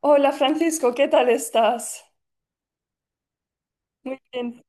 Hola Francisco, ¿qué tal estás? Muy bien.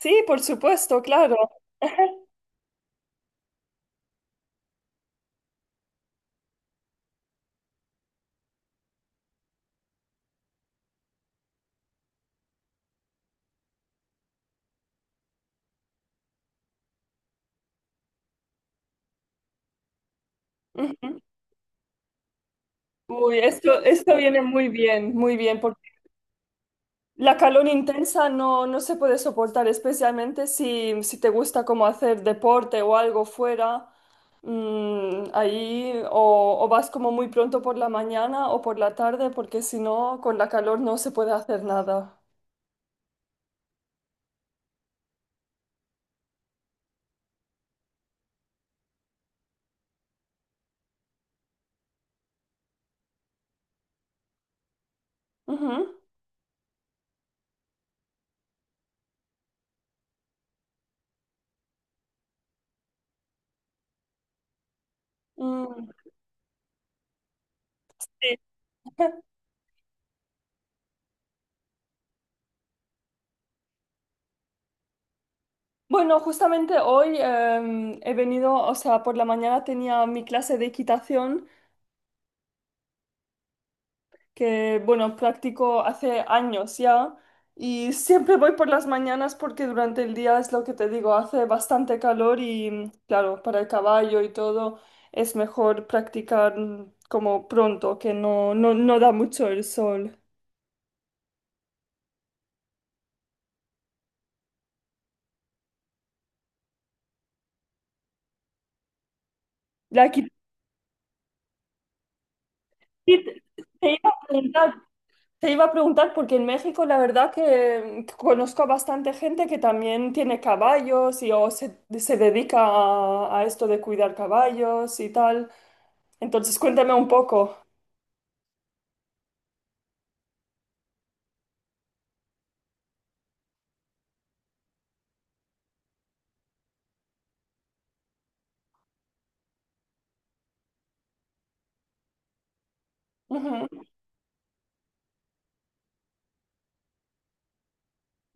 Sí, por supuesto, claro. Ujú. Uy, esto viene muy bien, porque la calor intensa no se puede soportar, especialmente si te gusta como hacer deporte o algo fuera, ahí o vas como muy pronto por la mañana o por la tarde, porque si no, con la calor no se puede hacer nada. Ujú. Mm, sí. Bueno, justamente hoy he venido, o sea, por la mañana tenía mi clase de equitación que, bueno, practico hace años ya y siempre voy por las mañanas porque durante el día es lo que te digo, hace bastante calor y, claro, para el caballo y todo es mejor practicar como pronto, que no da mucho el sol. La equitación, te iba a preguntar. Te iba a preguntar porque en México la verdad que conozco a bastante gente que también tiene caballos y o se dedica a esto de cuidar caballos y tal. Entonces cuéntame un poco. Ujú.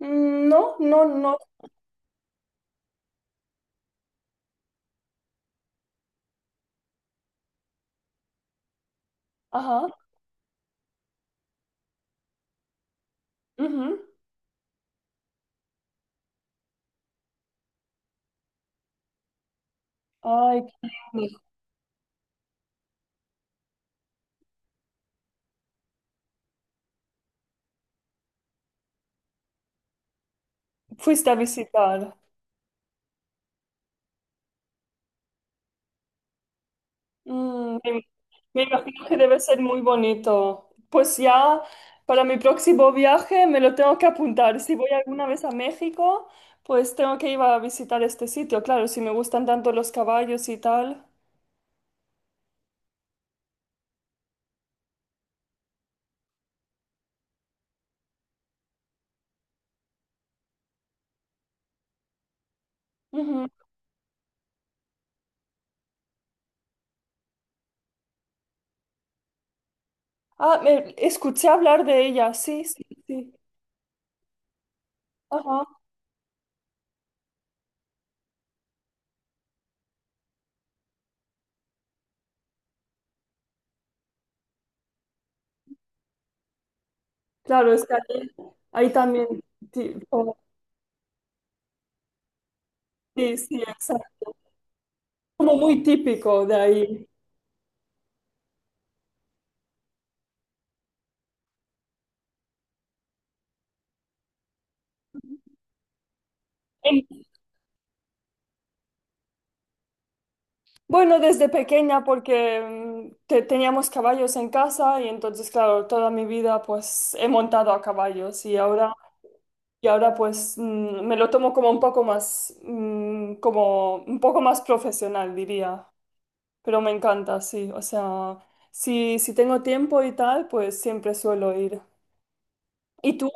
Mm, no, no, no. Ajá. Ujú. Ay, qué lindo. Fuiste a visitar. Mm, me imagino que debe ser muy bonito. Pues ya para mi próximo viaje me lo tengo que apuntar. Si voy alguna vez a México, pues tengo que ir a visitar este sitio. Claro, si me gustan tanto los caballos y tal. Ujú. Escuché hablar de ella. Sí, sí, sí. Ajá. Claro, es que ahí, ahí también. ti- como- Sí, sí, exacto. Como muy típico de ahí. Bueno, desde pequeña porque teníamos caballos en casa y entonces, claro, toda mi vida pues he montado a caballos y ahora pues me lo tomo como un poco más, como un poco más profesional, diría. Pero me encanta, sí. O sea, si tengo tiempo y tal, pues siempre suelo ir. ¿Y tú?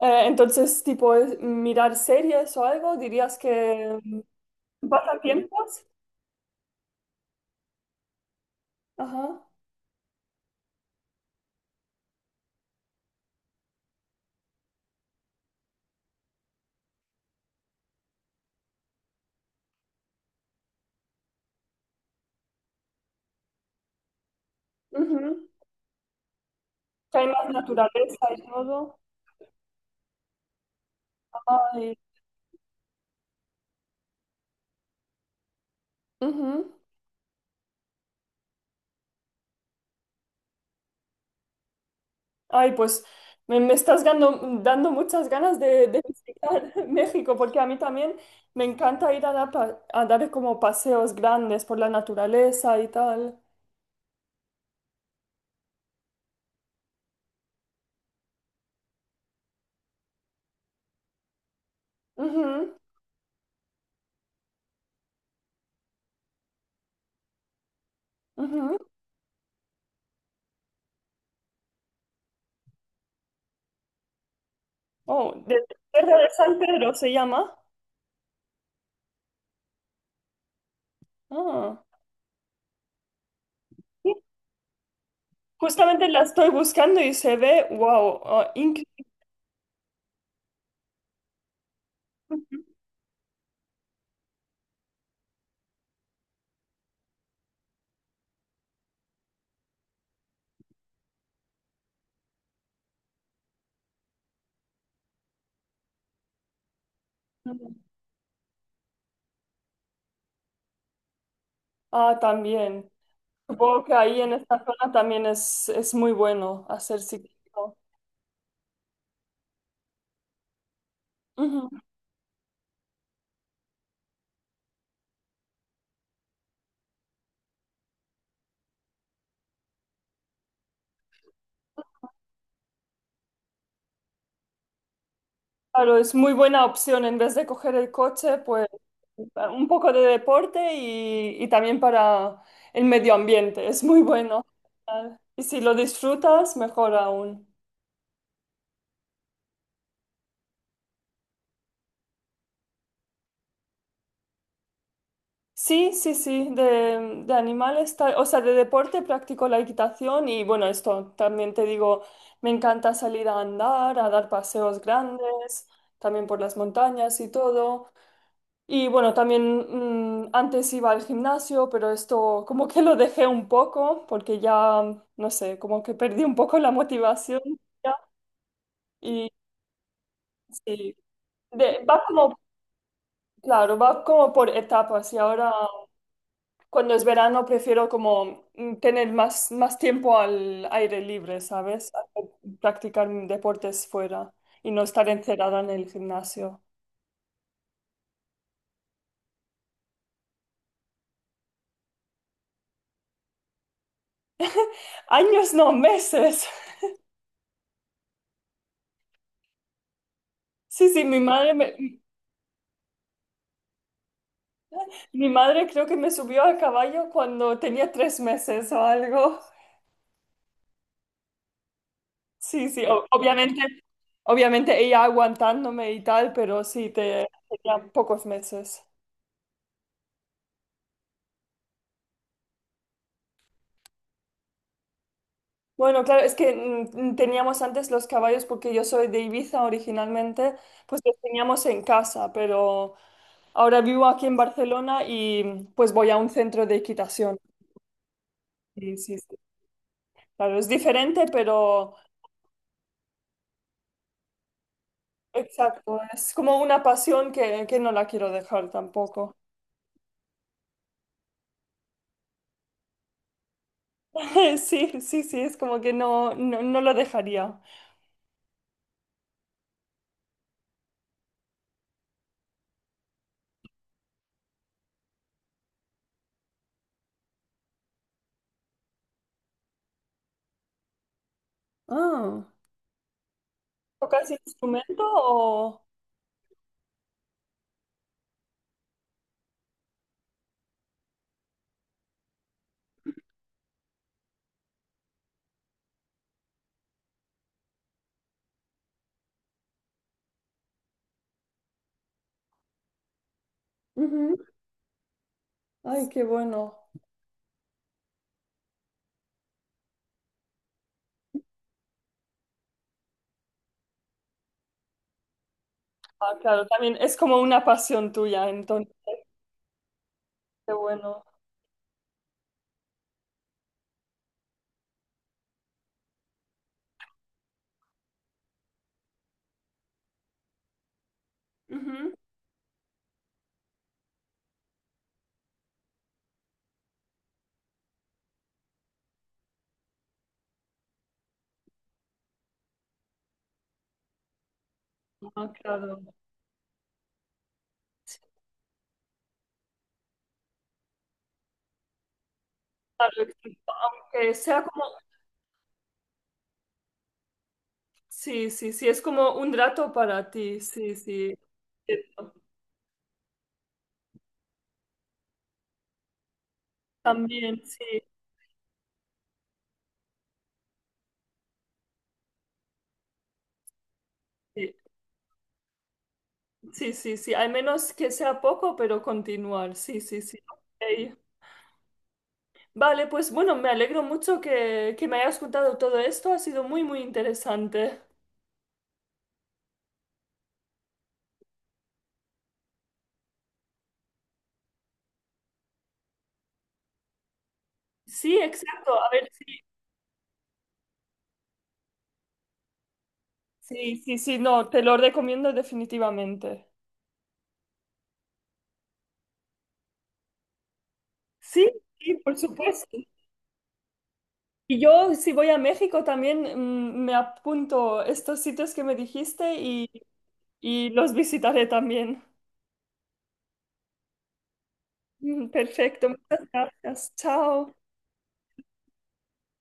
Entonces, tipo, mirar series o algo, dirías que pasatiempos. Ajá. Ujú. Que hay más naturaleza y todo. Ay, ujú. Ay, pues me estás dando muchas ganas de visitar México, porque a mí también me encanta ir a dar, a dar como paseos grandes por la naturaleza y tal. Ujú, ujú. Oh, de Tierra de San Pedro se llama. Ah, sí. Justamente la estoy buscando y se ve, wow, ah, increíble. Ujú. Ah, también. Supongo que ahí en esta zona también es muy bueno hacer ciclismo. Claro, es muy buena opción en vez de coger el coche, pues un poco de deporte y también para el medio ambiente. Es muy bueno. Y si lo disfrutas, mejor aún. Sí, sí, sí, de animales, o sea, de deporte practico la equitación y bueno, esto también te digo, me encanta salir a andar, a dar paseos grandes, también por las montañas y todo. Y bueno, también antes iba al gimnasio, pero esto como que lo dejé un poco porque ya, no sé, como que perdí un poco la motivación ya. Y sí, va como, claro, va como por etapas y ahora cuando es verano prefiero como tener más, más tiempo al aire libre, ¿sabes? A practicar deportes fuera y no estar encerrada en el gimnasio. Años, no, meses. Sí, sí, mi madre me, mi madre creo que me subió a caballo cuando tenía tres meses o algo. Sí, sí, obviamente, obviamente ella aguantándome y tal, pero sí, tenía pocos meses. Bueno, claro, es que mm, teníamos antes los caballos porque yo soy de Ibiza originalmente, pues los teníamos en casa, pero ahora vivo aquí en Barcelona y pues voy a un centro de equitación. Sí, sí, sí. Claro, es diferente, pero exacto, es como una pasión que no la quiero dejar tampoco. Sí, sí, sí, es como que no, no, no lo dejaría. Ah, ¿tocas instrumento o...? Ujú. Ay, qué bueno. Ah, claro, también es como una pasión tuya, entonces, qué bueno. Ujú. Ah, claro. Claro, exacto. Aunque sea como sí, sí, sí, es como un rato para ti, sí, sí. Cierto. También, sí, sí, sí, sí, sí, al menos que sea poco, pero continuar, sí, sí, sí. Ok. Vale, pues bueno, me alegro mucho que me hayas contado todo esto, ha sido muy, muy interesante. Sí, exacto, a ver, sí, sí, sí, sí, no, te lo recomiendo definitivamente. Sí, sí, por supuesto. Y yo, si voy a México, también me apunto estos sitios que me dijiste y los visitaré también. Mm, perfecto, muchas gracias. Chao.